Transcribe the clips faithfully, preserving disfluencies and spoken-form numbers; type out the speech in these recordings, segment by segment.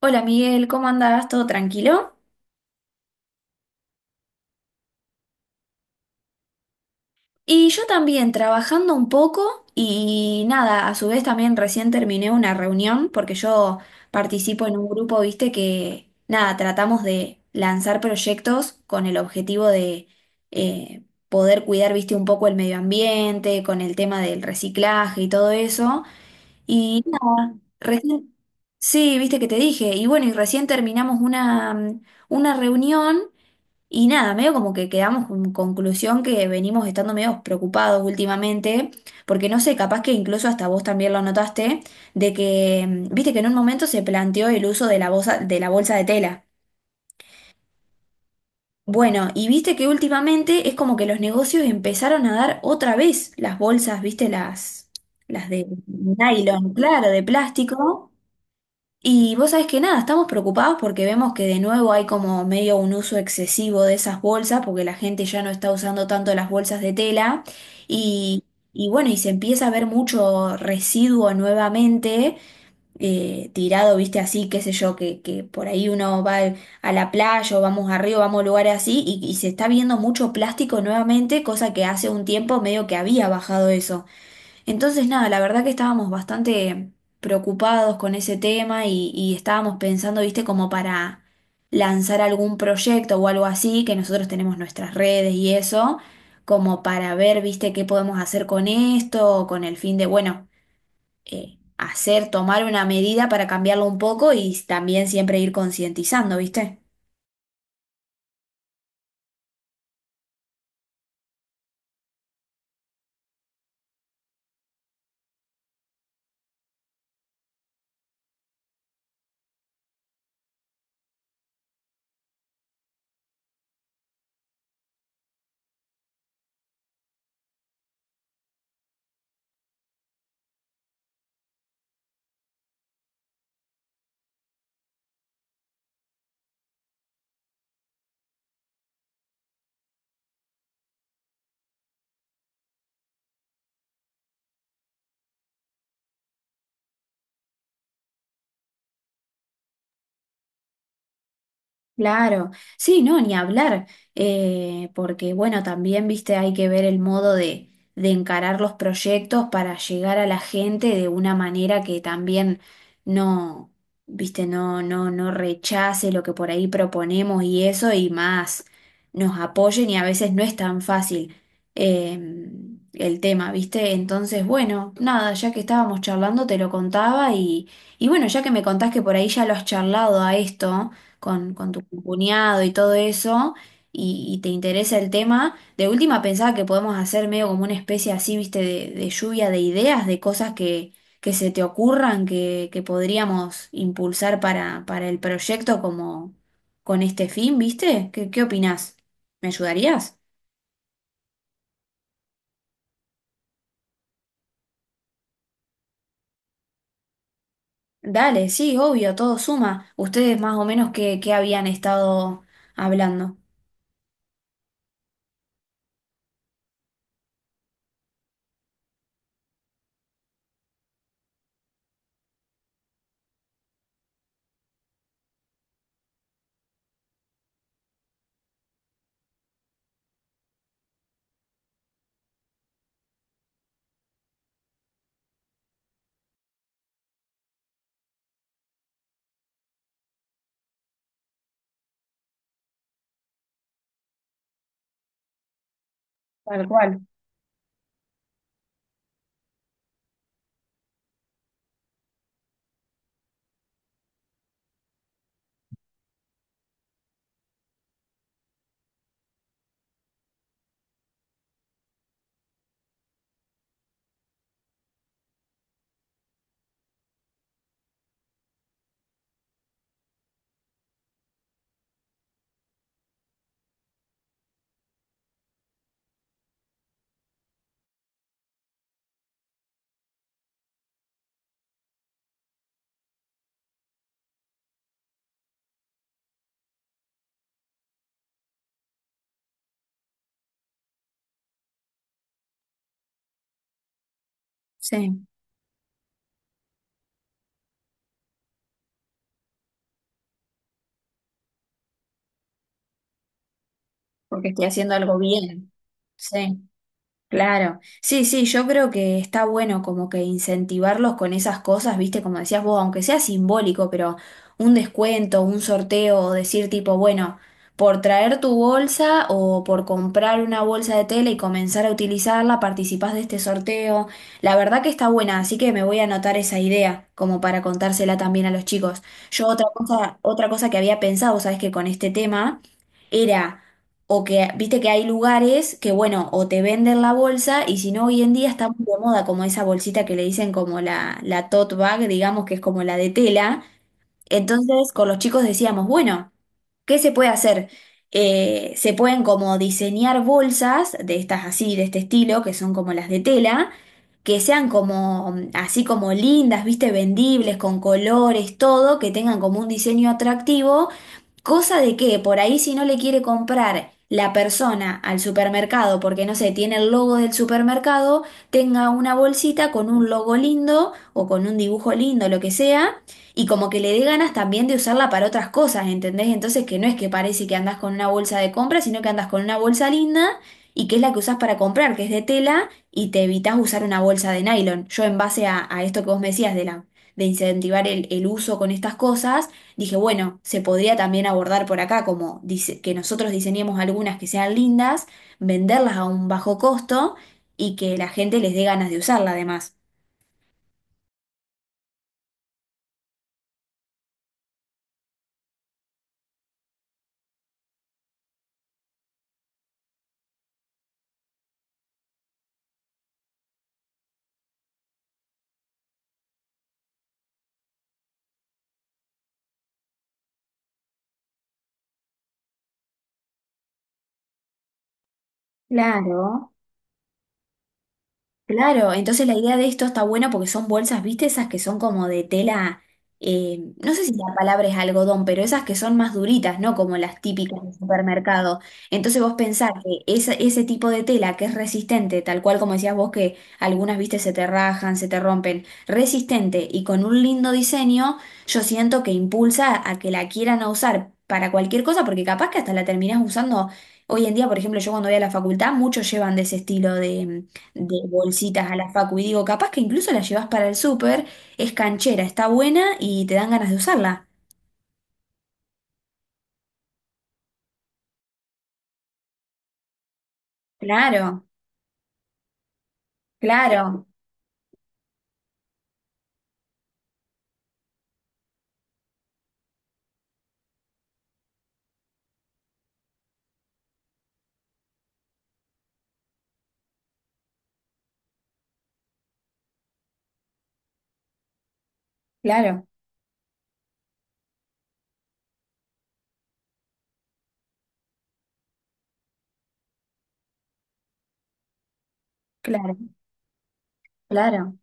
Hola Miguel, ¿cómo andás? ¿Todo tranquilo? Y yo también trabajando un poco y nada, a su vez también recién terminé una reunión porque yo participo en un grupo, viste, que nada, tratamos de lanzar proyectos con el objetivo de eh, poder cuidar, viste, un poco el medio ambiente, con el tema del reciclaje y todo eso. Y nada, recién... Sí, viste que te dije. Y bueno, y recién terminamos una, mm, una reunión. Y nada, medio como que quedamos con conclusión que venimos estando medio preocupados últimamente, porque no sé, capaz que incluso hasta vos también lo notaste, de que, mm, viste que en un momento se planteó el uso de la bolsa, de la bolsa de tela. Bueno, y viste que últimamente es como que los negocios empezaron a dar otra vez las bolsas, viste, las, las de nylon, claro, de plástico. Y vos sabés que nada, estamos preocupados porque vemos que de nuevo hay como medio un uso excesivo de esas bolsas, porque la gente ya no está usando tanto las bolsas de tela y, y bueno, y se empieza a ver mucho residuo nuevamente eh, tirado, viste, así, qué sé yo, que, que por ahí uno va al- a la playa o vamos arriba, vamos a lugares así y, y se está viendo mucho plástico nuevamente, cosa que hace un tiempo medio que había bajado eso. Entonces, nada, la verdad que estábamos bastante preocupados con ese tema y, y estábamos pensando, viste, como para lanzar algún proyecto o algo así, que nosotros tenemos nuestras redes y eso, como para ver, viste, qué podemos hacer con esto, con el fin de, bueno, eh, hacer, tomar una medida para cambiarlo un poco y también siempre ir concientizando, viste. Claro, sí, no, ni hablar, eh, porque bueno, también, viste, hay que ver el modo de, de encarar los proyectos para llegar a la gente de una manera que también no, viste, no, no, no rechace lo que por ahí proponemos y eso y más nos apoyen y a veces no es tan fácil eh, el tema, viste, entonces, bueno, nada, ya que estábamos charlando te lo contaba y, y bueno, ya que me contás que por ahí ya lo has charlado a esto con, con tu cuñado y todo eso, y, y te interesa el tema, de última pensaba que podemos hacer medio como una especie así, viste, de, de lluvia de ideas, de cosas que, que se te ocurran, que, que podríamos impulsar para, para el proyecto como con este fin, viste. ¿Qué, qué opinás? ¿Me ayudarías? Dale, sí, obvio, todo suma. Ustedes más o menos qué, qué habían estado hablando. Tal cual. Sí, porque estoy haciendo algo bien. Sí. Claro, sí, sí, yo creo que está bueno como que incentivarlos con esas cosas, viste, como decías vos, aunque sea simbólico, pero un descuento, un sorteo, o decir tipo, bueno, por traer tu bolsa o por comprar una bolsa de tela y comenzar a utilizarla, participás de este sorteo. La verdad que está buena, así que me voy a anotar esa idea, como para contársela también a los chicos. Yo otra cosa, otra cosa que había pensado, sabes que con este tema era o que, viste que hay lugares que, bueno, o te venden la bolsa y si no, hoy en día está muy de moda como esa bolsita que le dicen como la, la tote bag, digamos que es como la de tela. Entonces, con los chicos decíamos, bueno. ¿Qué se puede hacer? Eh, se pueden como diseñar bolsas de estas así, de este estilo, que son como las de tela, que sean como mm, así como lindas, viste, vendibles, con colores, todo, que tengan como un diseño atractivo, cosa de que por ahí si no le quiere comprar la persona al supermercado, porque no sé, tiene el logo del supermercado, tenga una bolsita con un logo lindo o con un dibujo lindo, lo que sea y como que le dé ganas también de usarla para otras cosas, ¿entendés? Entonces que no es que parece que andás con una bolsa de compra, sino que andás con una bolsa linda y que es la que usás para comprar, que es de tela, y te evitás usar una bolsa de nylon. Yo en base a, a esto que vos me decías de la, de incentivar el, el uso con estas cosas, dije, bueno, se podría también abordar por acá, como dice, que nosotros diseñemos algunas que sean lindas, venderlas a un bajo costo y que la gente les dé ganas de usarla además. Claro. Claro, entonces la idea de esto está buena porque son bolsas, ¿viste? Esas que son como de tela, eh, no sé si la palabra es algodón, pero esas que son más duritas, ¿no? Como las típicas del supermercado. Entonces vos pensás que ese, ese tipo de tela que es resistente, tal cual como decías vos que algunas, viste, se te rajan, se te rompen, resistente y con un lindo diseño, yo siento que impulsa a que la quieran a usar para cualquier cosa porque capaz que hasta la terminás usando. Hoy en día, por ejemplo, yo cuando voy a la facultad, muchos llevan de ese estilo de de bolsitas a la facu y digo, capaz que incluso la llevas para el súper, es canchera, está buena y te dan ganas de usarla. Claro, claro, claro, claro, claro.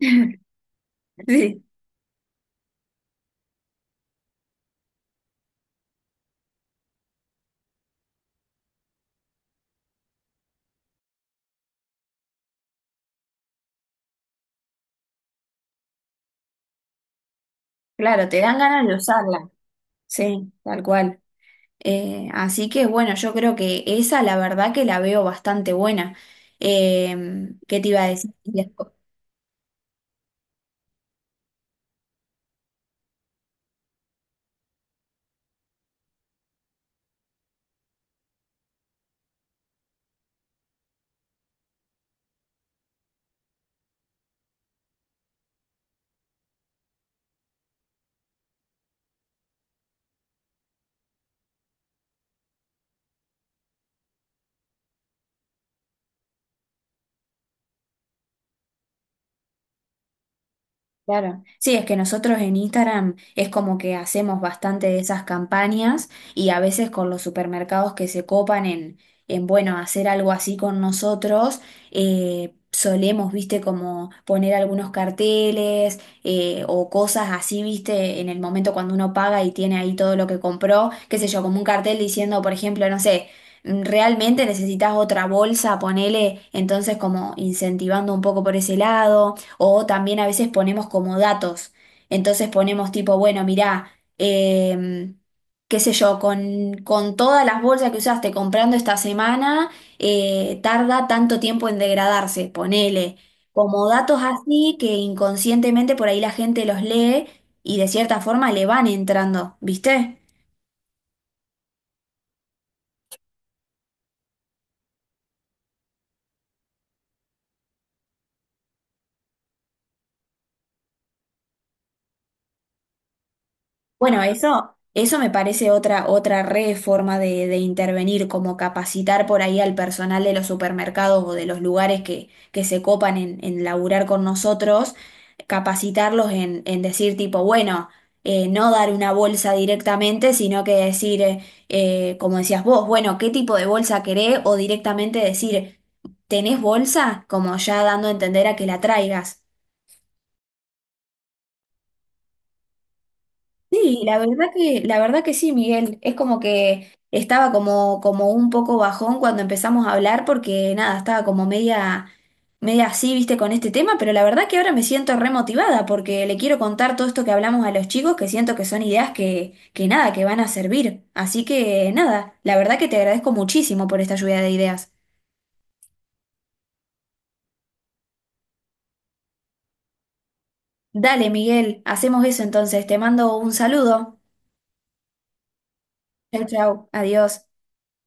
Sí, claro, te dan ganas de usarla. Sí, tal cual. Eh, así que bueno, yo creo que esa la verdad que la veo bastante buena. Eh, ¿qué te iba a decir? Claro. Sí, es que nosotros en Instagram es como que hacemos bastante de esas campañas y a veces con los supermercados que se copan en, en bueno, hacer algo así con nosotros, eh, solemos, viste, como poner algunos carteles eh, o cosas así, viste, en el momento cuando uno paga y tiene ahí todo lo que compró, qué sé yo, como un cartel diciendo, por ejemplo, no sé. "Mm, Realmente necesitas otra bolsa, ponele, entonces como incentivando un poco por ese lado. O también a veces ponemos como datos. Entonces ponemos tipo, bueno, mirá, em, qué sé yo, con, con todas las bolsas que usaste comprando esta semana, eh, tarda tanto tiempo en degradarse, ponele. Como datos así que inconscientemente por ahí la gente los lee y de cierta forma le van entrando, ¿viste? Bueno, eso, eso me parece otra, otra re forma de, de intervenir, como capacitar por ahí al personal de los supermercados o de los lugares que, que se copan en, en laburar con nosotros, capacitarlos en, en decir tipo, bueno, eh, no dar una bolsa directamente, sino que decir, eh, eh, como decías vos, bueno, ¿qué tipo de bolsa querés? O directamente decir, ¿tenés bolsa? Como ya dando a entender a que la traigas. Sí, la verdad que, la verdad que sí, Miguel. Es como que estaba como, como un poco bajón cuando empezamos a hablar, porque nada, estaba como media, media así, viste, con este tema, pero la verdad que ahora me siento remotivada, porque le quiero contar todo esto que hablamos a los chicos, que siento que son ideas que, que nada, que van a servir. Así que nada, la verdad que te agradezco muchísimo por esta lluvia de ideas. Dale, Miguel, hacemos eso entonces. Te mando un saludo. Chau, chau, adiós.